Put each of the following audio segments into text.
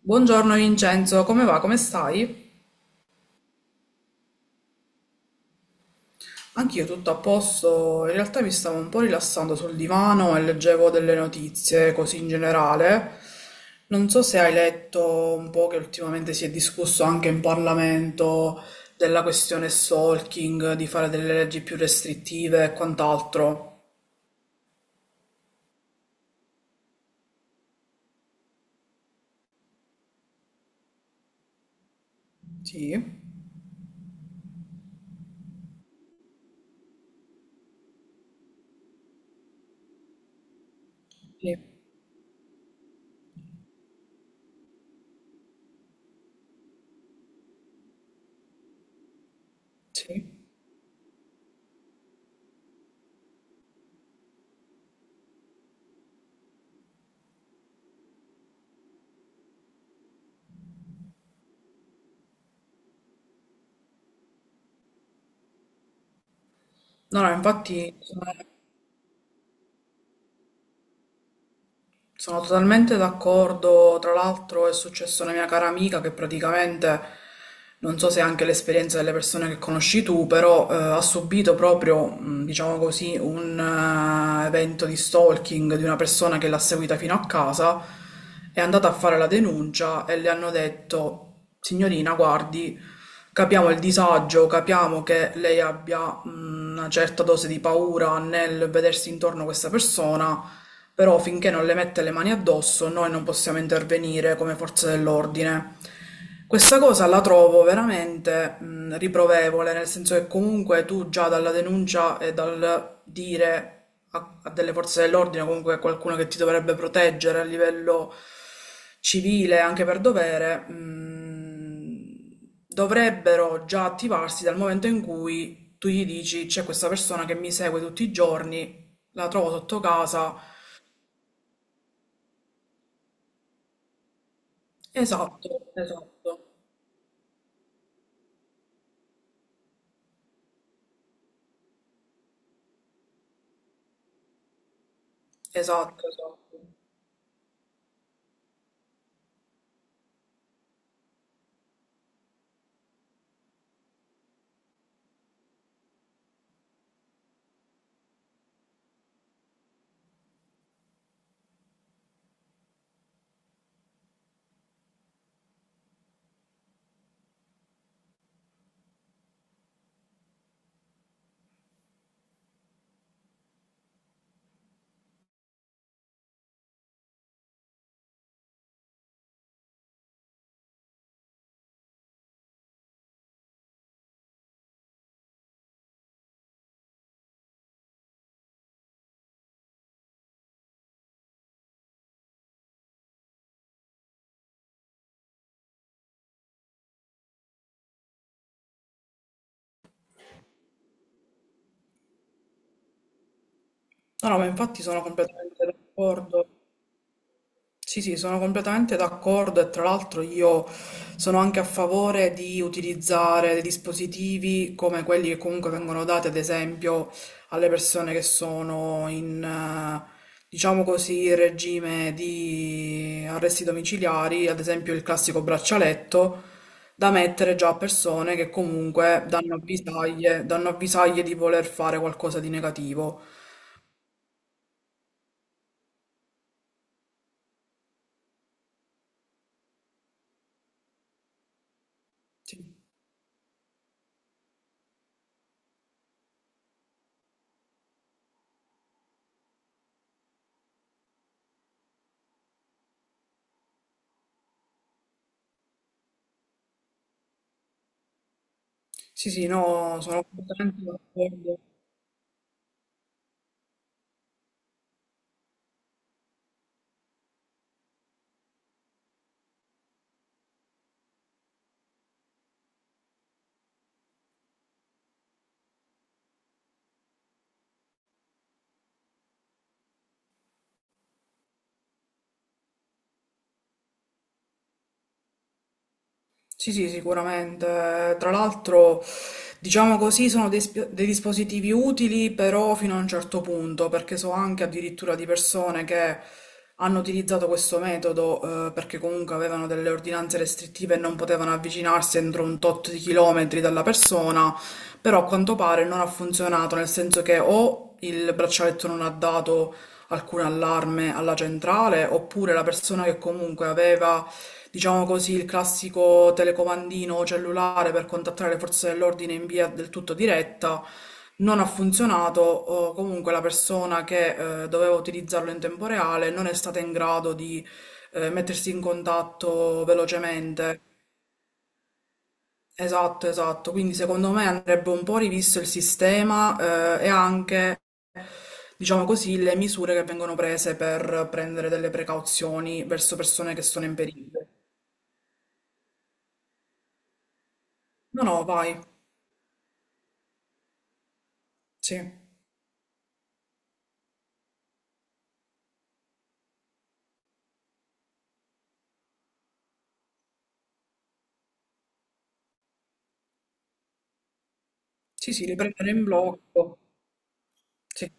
Buongiorno Vincenzo, come va? Come stai? Anch'io tutto a posto, in realtà mi stavo un po' rilassando sul divano e leggevo delle notizie così in generale. Non so se hai letto un po' che ultimamente si è discusso anche in Parlamento della questione stalking, di fare delle leggi più restrittive e quant'altro. Sì, sì, sì. No, no, infatti sono totalmente d'accordo, tra l'altro è successo a una mia cara amica che praticamente, non so se è anche l'esperienza delle persone che conosci tu, però ha subito proprio, diciamo così, un evento di stalking di una persona che l'ha seguita fino a casa, è andata a fare la denuncia e le hanno detto: signorina, guardi, capiamo il disagio, capiamo che lei abbia una certa dose di paura nel vedersi intorno a questa persona, però finché non le mette le mani addosso noi non possiamo intervenire come forze dell'ordine. Questa cosa la trovo veramente riprovevole, nel senso che comunque tu già dalla denuncia e dal dire a delle forze dell'ordine, comunque a qualcuno che ti dovrebbe proteggere a livello civile, anche per dovere, dovrebbero già attivarsi dal momento in cui tu gli dici: c'è questa persona che mi segue tutti i giorni, la trovo sotto casa. Esatto, esatto, esatto, esatto. No, no, ma infatti sono completamente d'accordo. Sì, sì, sono completamente d'accordo, e tra l'altro io sono anche a favore di utilizzare dei dispositivi come quelli che comunque vengono dati, ad esempio, alle persone che sono in, diciamo così, regime di arresti domiciliari, ad esempio il classico braccialetto da mettere già a persone che comunque danno avvisaglie di voler fare qualcosa di negativo. Sì, sì, sì, no, sono completamente d'accordo. Sì, sì, sicuramente. Tra l'altro, diciamo così, sono dei, dei dispositivi utili, però fino a un certo punto, perché so anche addirittura di persone che hanno utilizzato questo metodo, perché comunque avevano delle ordinanze restrittive e non potevano avvicinarsi entro un tot di chilometri dalla persona, però a quanto pare non ha funzionato, nel senso che o il braccialetto non ha dato alcun allarme alla centrale, oppure la persona che comunque aveva, diciamo così, il classico telecomandino cellulare per contattare le forze dell'ordine in via del tutto diretta. Non ha funzionato, o comunque la persona che doveva utilizzarlo in tempo reale non è stata in grado di mettersi in contatto velocemente. Esatto, esatto. Quindi secondo me andrebbe un po' rivisto il sistema, e anche, diciamo così, le misure che vengono prese per prendere delle precauzioni verso persone che sono in pericolo. No, no, vai. Sì. Sì, sì, li prendono in blocco. Sì,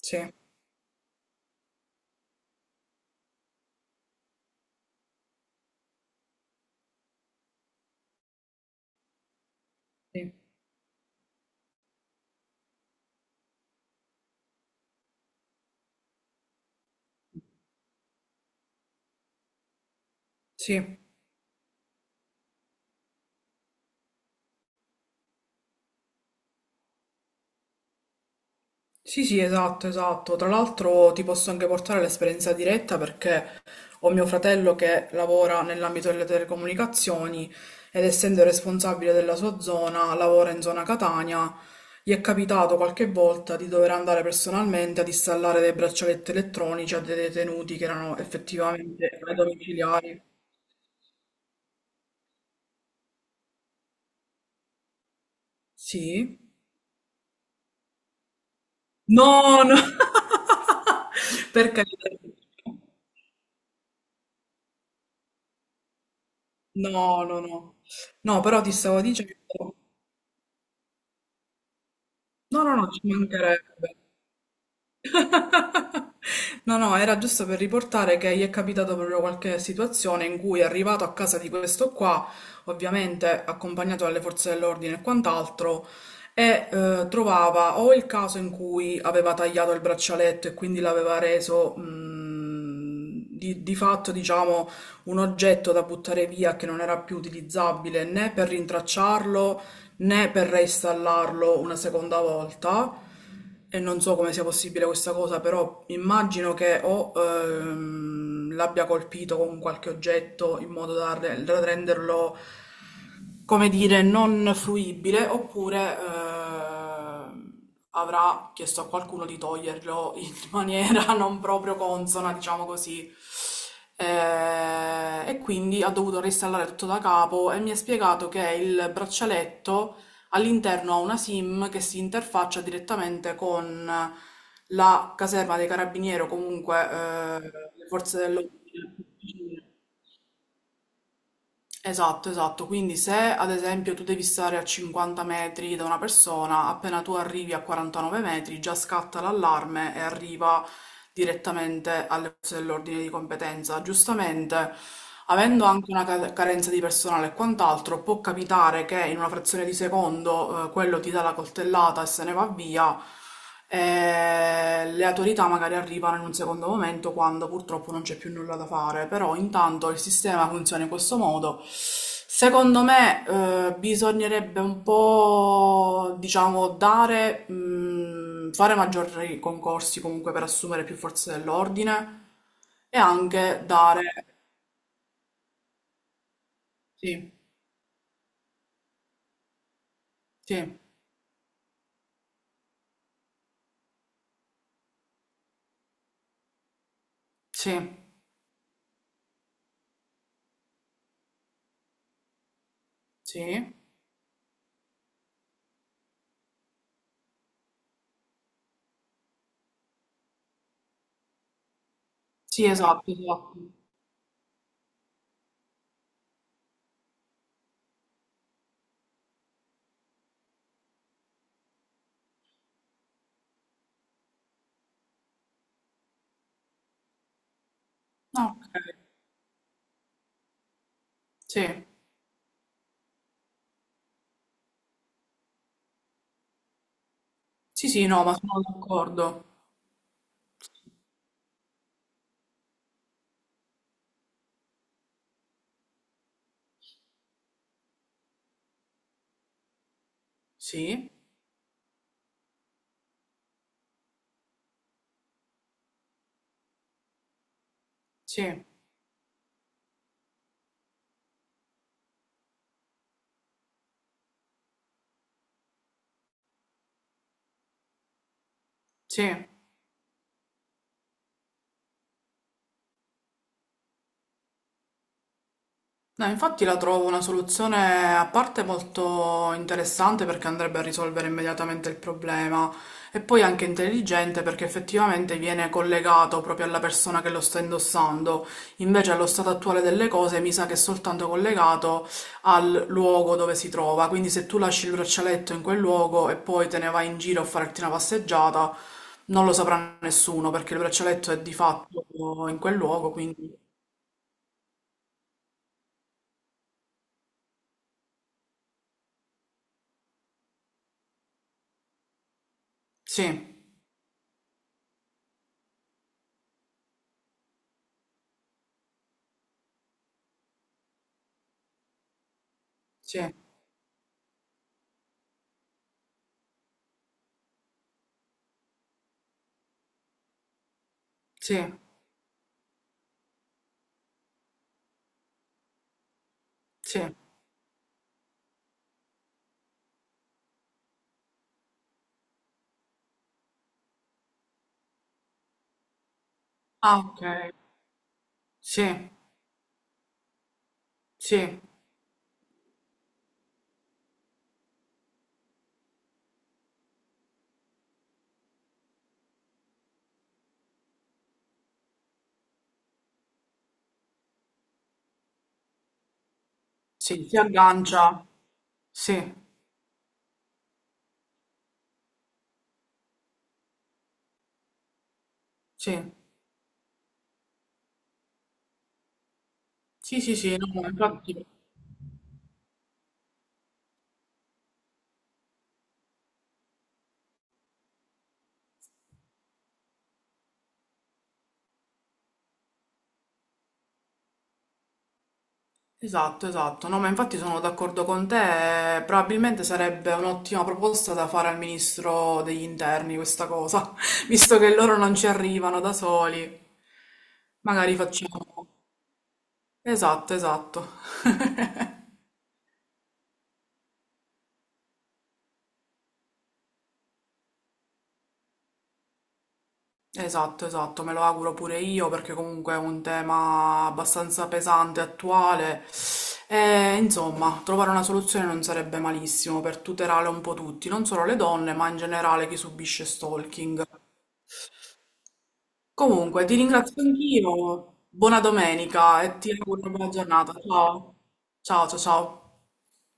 sì, sì, sì, sì, sì, esatto, esatto. Tra l'altro ti posso anche portare l'esperienza diretta perché ho mio fratello che lavora nell'ambito delle telecomunicazioni, ed essendo responsabile della sua zona, lavora in zona Catania, gli è capitato qualche volta di dover andare personalmente ad installare dei braccialetti elettronici a dei detenuti che erano effettivamente ai domiciliari. Sì. No, no. Per carità. No, no, no. No, però ti stavo dicendo no, no, no, ci mancherebbe. No, no, era giusto per riportare che gli è capitata proprio qualche situazione in cui è arrivato a casa di questo qua, ovviamente accompagnato dalle forze dell'ordine e quant'altro, e trovava o il caso in cui aveva tagliato il braccialetto e quindi l'aveva reso, di fatto, diciamo, un oggetto da buttare via che non era più utilizzabile né per rintracciarlo né per reinstallarlo una seconda volta. E non so come sia possibile questa cosa, però immagino che o l'abbia colpito con qualche oggetto in modo da, da renderlo, come dire, non fruibile, oppure avrà chiesto a qualcuno di toglierlo maniera non proprio consona, diciamo così. E quindi ha dovuto reinstallare tutto da capo, e mi ha spiegato che il braccialetto all'interno ha una SIM che si interfaccia direttamente con la caserma dei carabinieri o comunque le forze dell'ordine. Esatto, esatto. Quindi se ad esempio tu devi stare a 50 metri da una persona, appena tu arrivi a 49 metri già scatta l'allarme e arriva direttamente alle forze dell'ordine di competenza. Giustamente, avendo anche una carenza di personale e quant'altro, può capitare che in una frazione di secondo, quello ti dà la coltellata e se ne va via. Le autorità magari arrivano in un secondo momento, quando purtroppo non c'è più nulla da fare, però intanto il sistema funziona in questo modo. Secondo me, bisognerebbe un po', diciamo, dare, fare maggiori concorsi comunque per assumere più forze dell'ordine e anche dare... Sì, sì, sì, sì, sì, esatto, esatto. Ah, ok, sì, sì, sì, no, ma sono d'accordo. Sì. Sì, sì. No, infatti la trovo una soluzione a parte molto interessante, perché andrebbe a risolvere immediatamente il problema, e poi anche intelligente perché effettivamente viene collegato proprio alla persona che lo sta indossando. Invece allo stato attuale delle cose mi sa che è soltanto collegato al luogo dove si trova. Quindi se tu lasci il braccialetto in quel luogo e poi te ne vai in giro a farti una passeggiata, non lo saprà nessuno perché il braccialetto è di fatto in quel luogo, quindi sì. Sì, sì, sì. Ah, okay. Sì, sì, sì, si aggancia. Sì, sì. Sì, sì, sì, no, ma infatti... Esatto, esatto. No, ma infatti sono d'accordo con te. Probabilmente sarebbe un'ottima proposta da fare al ministro degli interni questa cosa, visto che loro non ci arrivano da soli. Magari facciamo... Esatto, esatto. Esatto, esatto, me lo auguro pure io perché comunque è un tema abbastanza pesante, attuale, e insomma trovare una soluzione non sarebbe malissimo per tutelare un po' tutti, non solo le donne ma in generale chi subisce stalking. Comunque ti ringrazio anch'io, buona domenica e ti auguro una buona giornata. Ciao, ciao, ciao. Ciao.